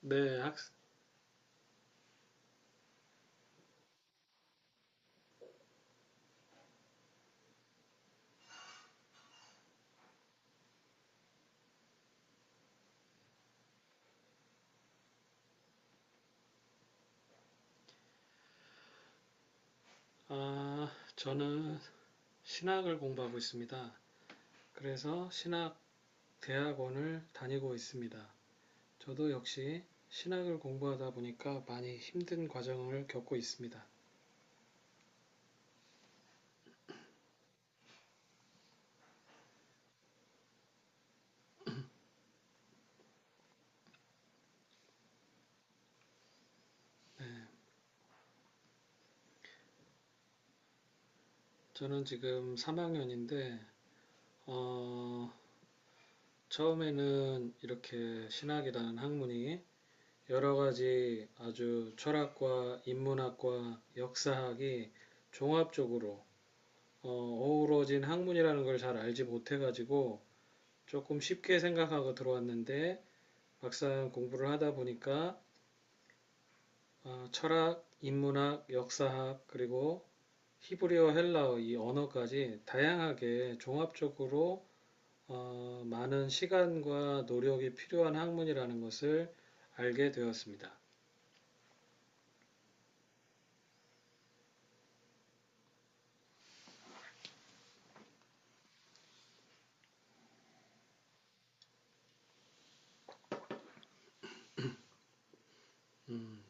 네, 학, 아, 저는 신학을 공부하고 있습니다. 그래서 신학 대학원을 다니고 있습니다. 저도 역시 신학을 공부하다 보니까 많이 힘든 과정을 겪고 있습니다. 저는 지금 3학년인데, 처음에는 이렇게 신학이라는 학문이 여러 가지 아주 철학과 인문학과 역사학이 종합적으로 어우러진 학문이라는 걸 잘 알지 못해가지고 조금 쉽게 생각하고 들어왔는데 막상 공부를 하다 보니까 철학, 인문학, 역사학 그리고 히브리어, 헬라어 이 언어까지 다양하게 종합적으로 많은 시간과 노력이 필요한 학문이라는 것을 알게 되었습니다. 음,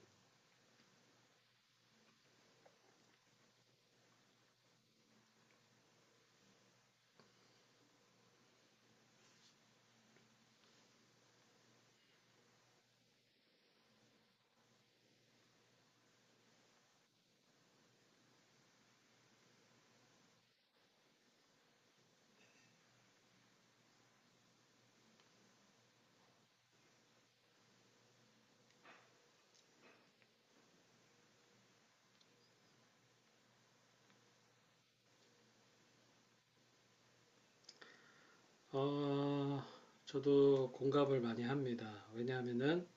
어, 저도 공감을 많이 합니다. 왜냐하면은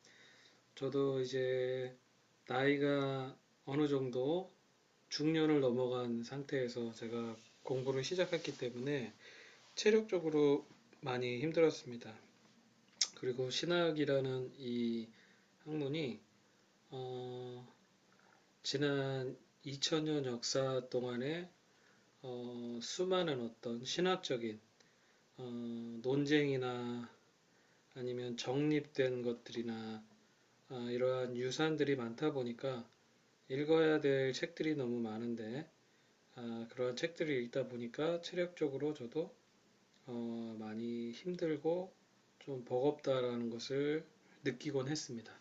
저도 이제 나이가 어느 정도 중년을 넘어간 상태에서 제가 공부를 시작했기 때문에 체력적으로 많이 힘들었습니다. 그리고 신학이라는 이 학문이 어, 지난 2000년 역사 동안에 수많은 어떤 신학적인 어, 논쟁이나 아니면 정립된 것들이나 이러한 유산들이 많다 보니까 읽어야 될 책들이 너무 많은데 그러한 책들을 읽다 보니까 체력적으로 저도 많이 힘들고 좀 버겁다라는 것을 느끼곤 했습니다.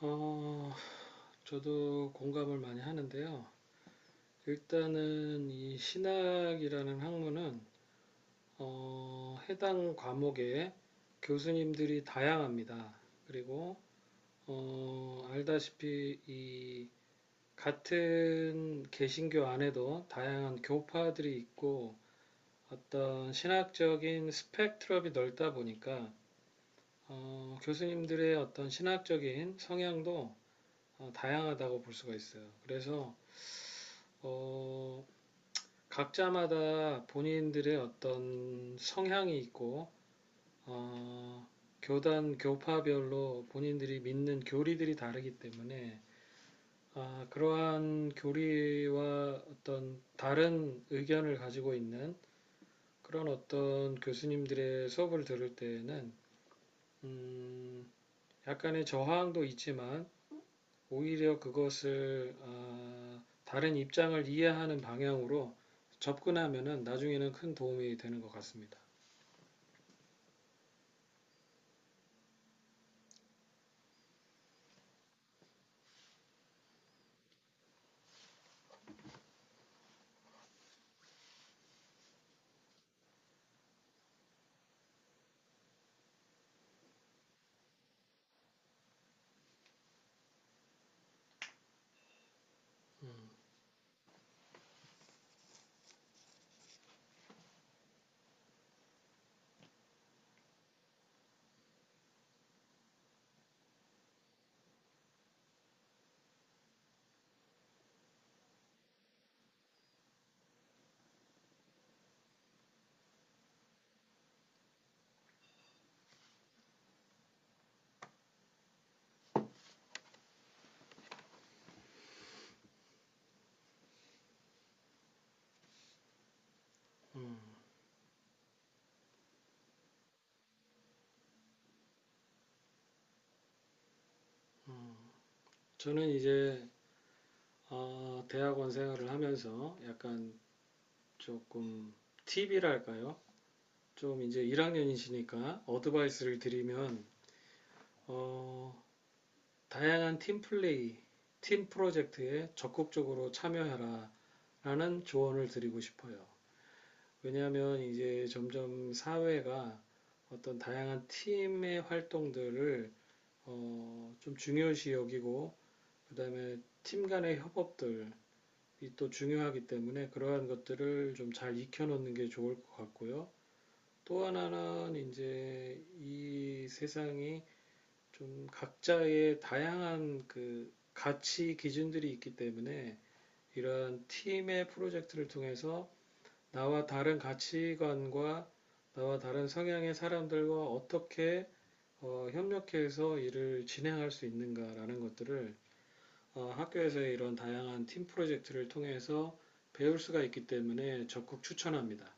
어, 저도 공감을 많이 하는데요. 일단은 이 신학이라는 학문은 해당 과목에 교수님들이 다양합니다. 그리고 알다시피 이 같은 개신교 안에도 다양한 교파들이 있고 어떤 신학적인 스펙트럼이 넓다 보니까 교수님들의 어떤 신학적인 성향도 다양하다고 볼 수가 있어요. 그래서 어, 각자마다 본인들의 어떤 성향이 있고 어, 교단 교파별로 본인들이 믿는 교리들이 다르기 때문에 그러한 교리와 어떤 다른 의견을 가지고 있는 그런 어떤 교수님들의 수업을 들을 때에는 음, 약간의 저항도 있지만 오히려 그것을 다른 입장을 이해하는 방향으로 접근하면은 나중에는 큰 도움이 되는 것 같습니다. 저는 이제 대학원 생활을 하면서 약간 조금 팁이랄까요? 좀 이제 1학년이시니까 어드바이스를 드리면 어, 다양한 팀 플레이, 팀 프로젝트에 적극적으로 참여해라 라는 조언을 드리고 싶어요. 왜냐하면 이제 점점 사회가 어떤 다양한 팀의 활동들을 좀 중요시 여기고 그다음에 팀 간의 협업들이 또 중요하기 때문에 그러한 것들을 좀 잘 익혀놓는 게 좋을 것 같고요. 또 하나는 이제 이 세상이 좀 각자의 다양한 그 가치 기준들이 있기 때문에 이러한 팀의 프로젝트를 통해서 나와 다른 가치관과 나와 다른 성향의 사람들과 어떻게 협력해서 일을 진행할 수 있는가라는 것들을 학교에서의 이런 다양한 팀 프로젝트를 통해서 배울 수가 있기 때문에 적극 추천합니다.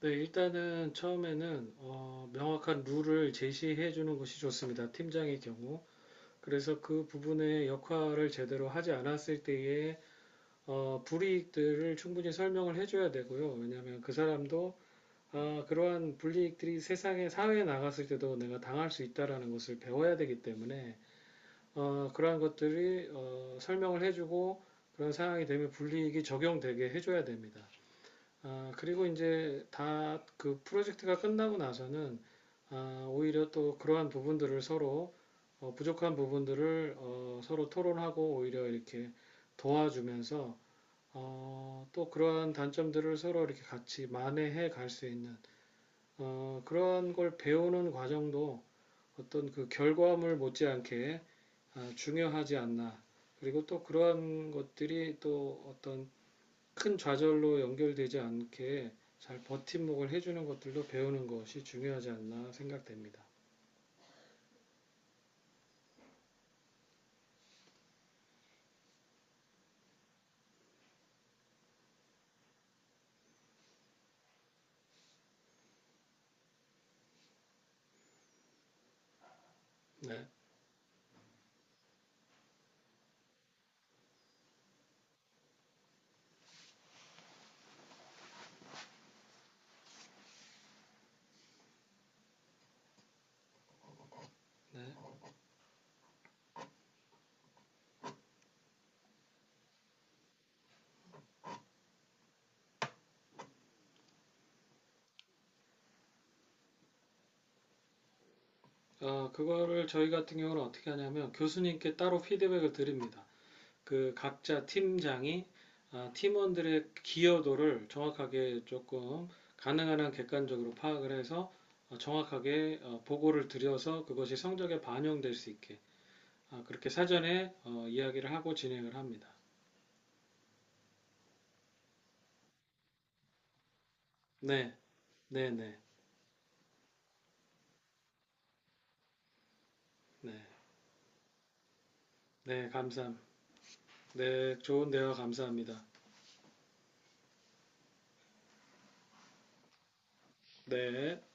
네, 일단은 처음에는 명확한 룰을 제시해 주는 것이 좋습니다. 팀장의 경우. 그래서 그 부분의 역할을 제대로 하지 않았을 때에 불이익들을 충분히 설명을 해줘야 되고요. 왜냐하면 그 사람도 그러한 불이익들이 세상에 사회에 나갔을 때도 내가 당할 수 있다라는 것을 배워야 되기 때문에 그러한 것들이 설명을 해주고 그런 상황이 되면 불이익이 적용되게 해줘야 됩니다. 그리고 이제 다 그 프로젝트가 끝나고 나서는 오히려 또 그러한 부분들을 서로 부족한 부분들을 서로 토론하고 오히려 이렇게 도와주면서 또 그러한 단점들을 서로 이렇게 같이 만회해 갈 수 있는 그런 걸 배우는 과정도 어떤 그 결과물 못지않게 중요하지 않나. 그리고 또 그러한 것들이 또 어떤 큰 좌절로 연결되지 않게 잘 버팀목을 해주는 것들도 배우는 것이 중요하지 않나 생각됩니다. 네. 그거를 저희 같은 경우는 어떻게 하냐면 교수님께 따로 피드백을 드립니다. 그 각자 팀장이 팀원들의 기여도를 정확하게 조금 가능한 한 객관적으로 파악을 해서 정확하게 보고를 드려서 그것이 성적에 반영될 수 있게 그렇게 사전에 이야기를 하고 진행을 합니다. 네, 네, 네, 네, 네, 감사합니다. 네, 좋은 대화 감사합니다. 네.